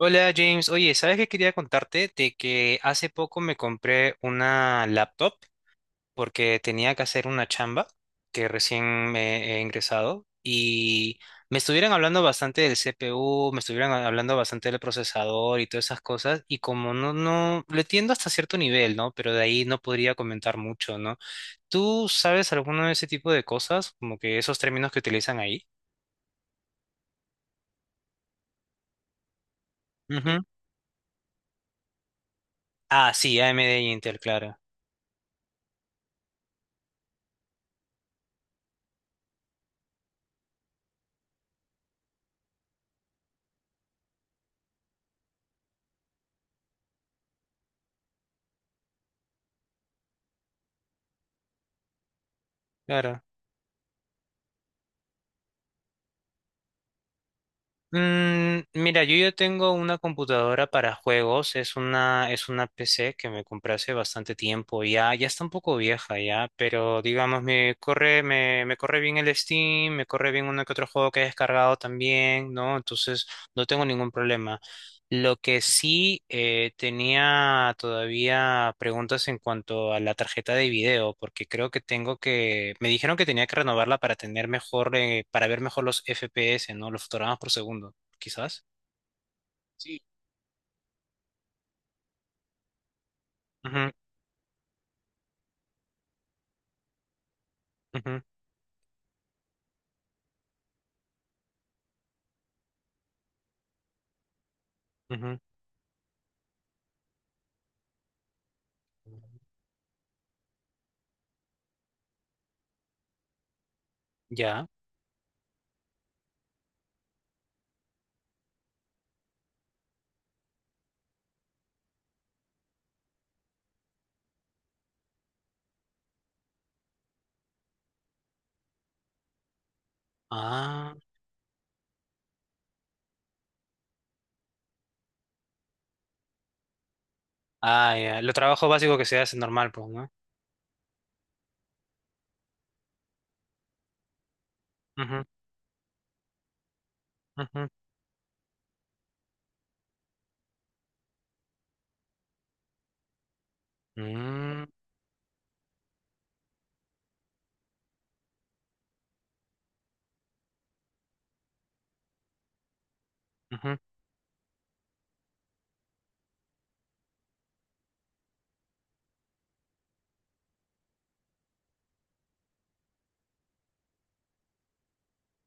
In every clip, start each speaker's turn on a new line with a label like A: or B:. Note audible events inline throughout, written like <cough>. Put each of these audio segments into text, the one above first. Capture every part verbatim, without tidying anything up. A: Hola James, oye, ¿sabes qué quería contarte? De que hace poco me compré una laptop porque tenía que hacer una chamba que recién me he ingresado y me estuvieron hablando bastante del C P U, me estuvieron a- hablando bastante del procesador y todas esas cosas y como no, no, lo entiendo hasta cierto nivel, ¿no? Pero de ahí no podría comentar mucho, ¿no? ¿Tú sabes alguno de ese tipo de cosas? Como que esos términos que utilizan ahí. Ujú. Ah, sí, A M D y Intel, claro. Claro. Mm, mira, yo ya tengo una computadora para juegos, es una, es una P C que me compré hace bastante tiempo, ya, ya está un poco vieja ya, pero digamos, me corre, me, me corre bien el Steam, me corre bien uno que otro juego que he descargado también, ¿no? Entonces, no tengo ningún problema. Lo que sí eh, tenía todavía preguntas en cuanto a la tarjeta de video, porque creo que tengo que, me dijeron que tenía que renovarla para tener mejor, eh, para ver mejor los F P S, ¿no? Los fotogramas por segundo, quizás. Sí. Ujú, ujú, ujú. Ya. Ah, ah, ya. Lo trabajo básico que se hace normal, pues, ¿no? Ujú, ujú. Mm, ujú.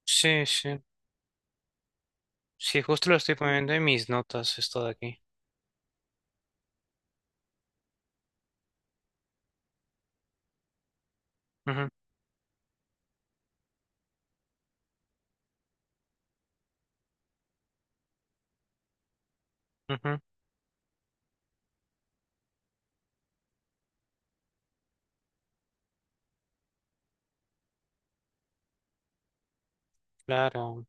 A: Sí, sí. Sí, justo lo estoy poniendo en mis notas, esto de aquí. Ujú, ujú. Claro.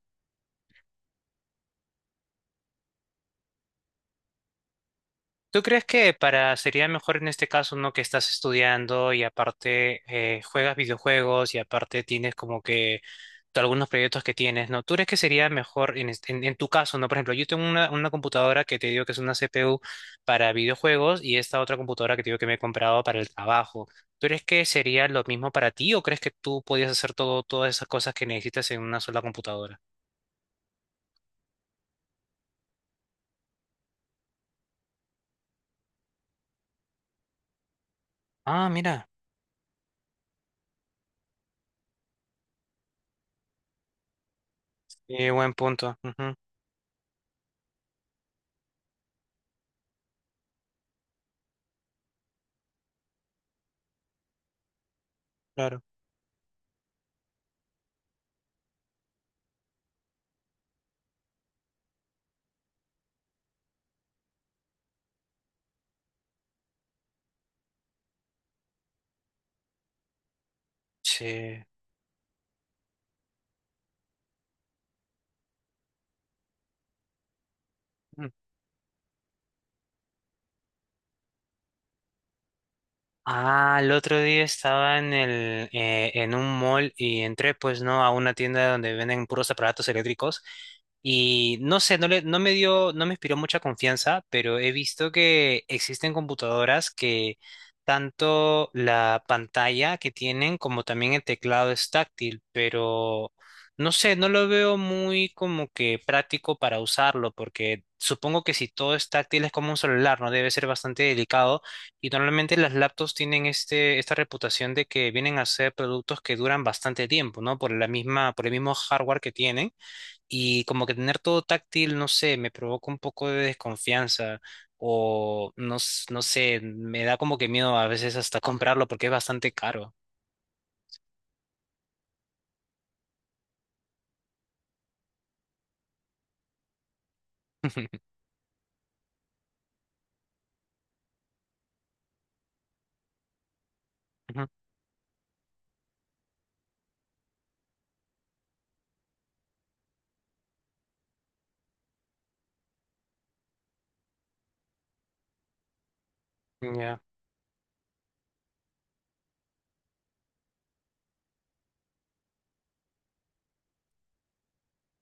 A: ¿Tú crees que para sería mejor en este caso, no que estás estudiando y aparte eh, juegas videojuegos y aparte tienes como que tú- algunos proyectos que tienes, ¿no? ¿Tú crees que sería mejor en, este- en, en tu caso, ¿no? Por ejemplo, yo tengo una, una computadora que te digo que es una C P U para videojuegos y esta otra computadora que te digo que me he comprado para el trabajo. ¿Tú crees que sería lo mismo para ti o crees que tú podías hacer todo, todas esas cosas que necesitas en una sola computadora? Ah, mira, eh, buen punto. Ujú, claro. Sí. Ah, el otro día estaba en el, eh, en un mall y entré, pues, ¿no? A una tienda donde venden puros aparatos eléctricos y no sé, no le, no me dio, no me inspiró mucha confianza, pero he visto que existen computadoras que tanto la pantalla que tienen como también el teclado es táctil, pero no sé, no lo veo muy como que práctico para usarlo porque supongo que si todo es táctil es como un celular, ¿no? Debe ser bastante delicado y normalmente las laptops tienen este, esta reputación de que vienen a ser productos que duran bastante tiempo, ¿no? Por la misma, por el mismo hardware que tienen. Y como que tener todo táctil, no sé, me provoca un poco de desconfianza. O no, s- no sé, me da como que miedo a veces hasta comprarlo porque es bastante caro. <laughs> Ujú, ya.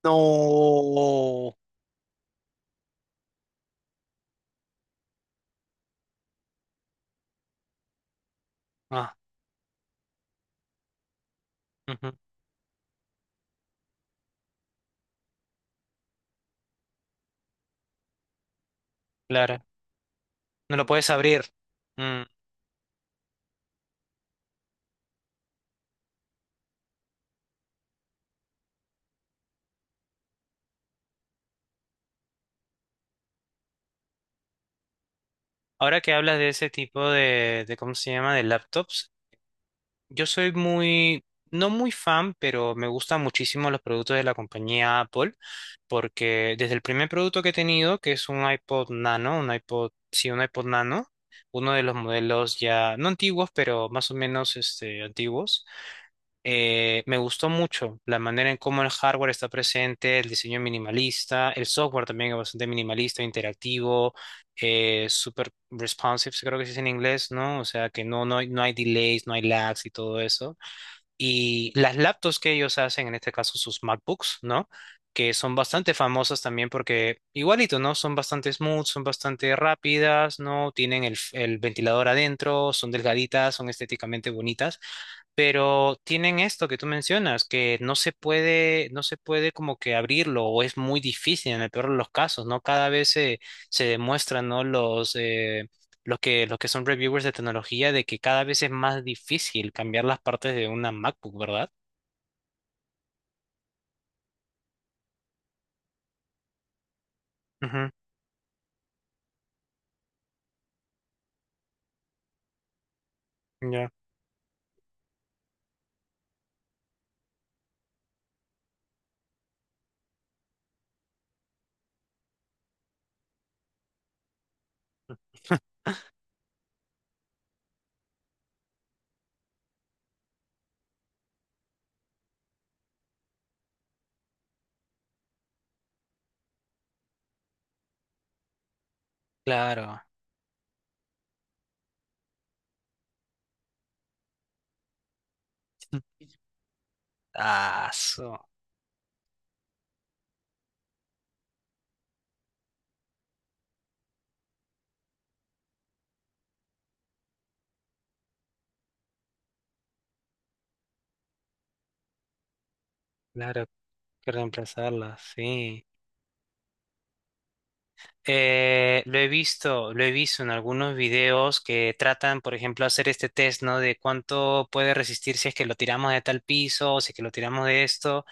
A: No. Ah, ujú, claro. No lo puedes abrir. Mm. Ahora que hablas de ese tipo de, de, ¿cómo se llama? De laptops. Yo soy muy, no muy fan, pero me gustan muchísimo los productos de la compañía Apple, porque desde el primer producto que he tenido, que es un iPod Nano, un iPod, sí, un iPod Nano, uno de los modelos ya, no antiguos, pero más o menos este, antiguos, eh, me gustó mucho la manera en cómo el hardware está presente, el diseño minimalista, el software también es bastante minimalista, interactivo, eh, super responsive, creo que se dice en inglés, ¿no? O sea, que no, no hay, no hay delays, no hay lags y todo eso. Y las laptops que ellos hacen, en este caso sus MacBooks, ¿no? Que son bastante famosas también porque igualito, ¿no? Son bastante smooth, son bastante rápidas, ¿no? Tienen el, f- el ventilador adentro, son delgaditas, son estéticamente bonitas. Pero tienen esto que tú mencionas, que no se puede, no se puede como que abrirlo, o es muy difícil en el peor de los casos, ¿no? Cada vez se, se demuestran, ¿no? Los, eh, los que, los que son reviewers de tecnología, de que cada vez es más difícil cambiar las partes de una MacBook, ¿verdad? Ujú, ya. Claro. Ah, so- Claro, hay que reemplazarlas, sí. Eh, lo he visto, lo he visto en algunos videos que tratan, por ejemplo, hacer este test, ¿no? De cuánto puede resistir si es que lo tiramos de tal piso o si es que lo tiramos de esto.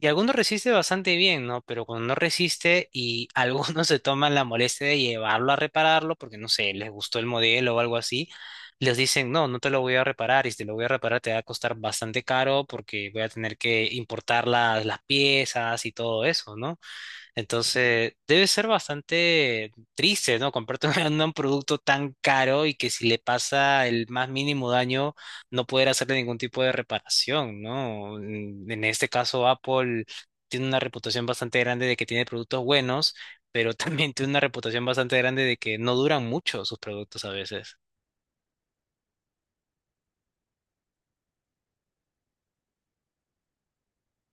A: Y algunos resiste bastante bien, ¿no? Pero cuando no resiste y <laughs> algunos se toman la molestia de llevarlo a repararlo porque, no sé, les gustó el modelo o algo así, les dicen, no, no te lo voy a reparar y si te lo voy a reparar te va a costar bastante caro porque voy a tener que importar las, las piezas y todo eso, ¿no? Entonces, debe ser bastante triste, ¿no? Comprarte <laughs> un un producto tan caro y que si le pasa el más mínimo daño, no poder hacerle ningún tipo de reparación, ¿no? En en este caso, Apple tiene una reputación bastante grande de que tiene productos buenos, pero también <laughs> tiene una reputación bastante grande de que no duran mucho sus productos a veces.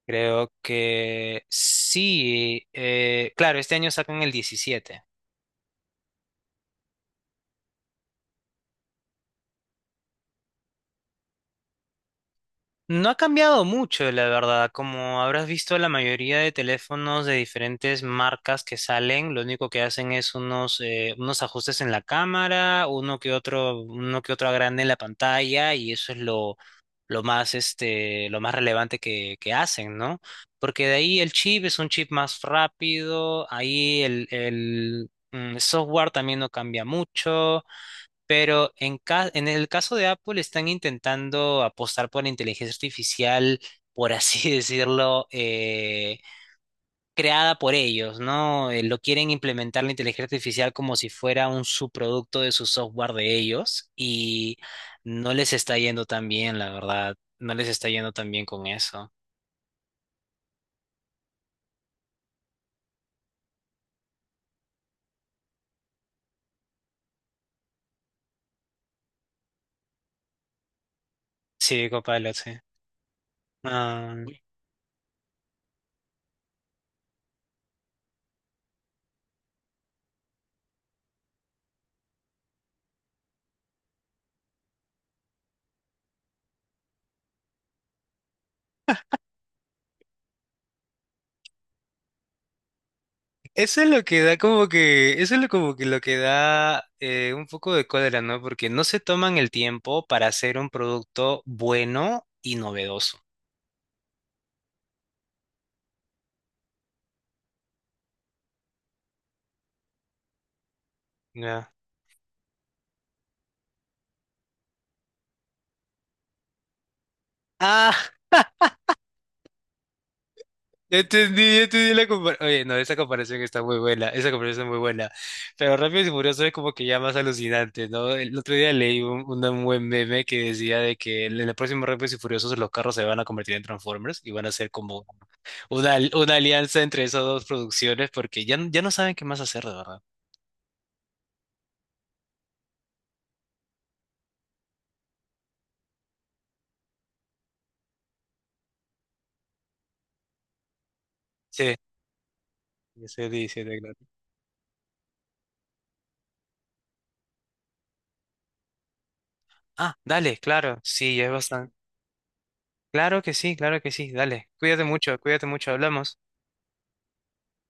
A: Creo que sí, eh, claro, este año sacan el diecisiete. No ha cambiado mucho, la verdad. Como habrás visto, la mayoría de teléfonos de diferentes marcas que salen, lo único que hacen es unos, eh, unos ajustes en la cámara, uno que otro, uno que otro agrande en la pantalla, y eso es lo, lo más, este, lo más relevante que, que hacen, ¿no? Porque de ahí el chip es un chip más rápido, ahí el, el mm, software también no cambia mucho. Pero en, ca- en el caso de Apple están intentando apostar por la inteligencia artificial, por así <laughs> decirlo, eh, creada por ellos, ¿no? Eh, lo quieren implementar la inteligencia artificial como si fuera un subproducto de su software de ellos y no les está yendo tan bien, la verdad. No les está yendo tan bien con eso. Sí, Copilot, sí. Ah. Eso es lo que da como que, eso es lo como que lo que da eh, un poco de cólera, ¿no? Porque no se toman el tiempo para hacer un producto bueno y novedoso. Ya. Ah, ya entendí, ya entendí la comparación. Oye, no, esa comparación está muy buena, esa comparación es muy buena. Pero Rápidos y Furiosos es como que ya más alucinante, ¿no? El otro día leí un, un un buen meme que decía de que en el próximo Rápidos y Furiosos los carros se van a convertir en Transformers y van a ser como Una, al- una alianza entre esas dos producciones porque ya, n- ya no saben qué más hacer, de verdad. Sí, sí sí diecisiete, claro. Ah, dale, claro, sí, ya es bastante. Claro que sí, claro que sí, dale. Cuídate mucho, cuídate mucho, hablamos.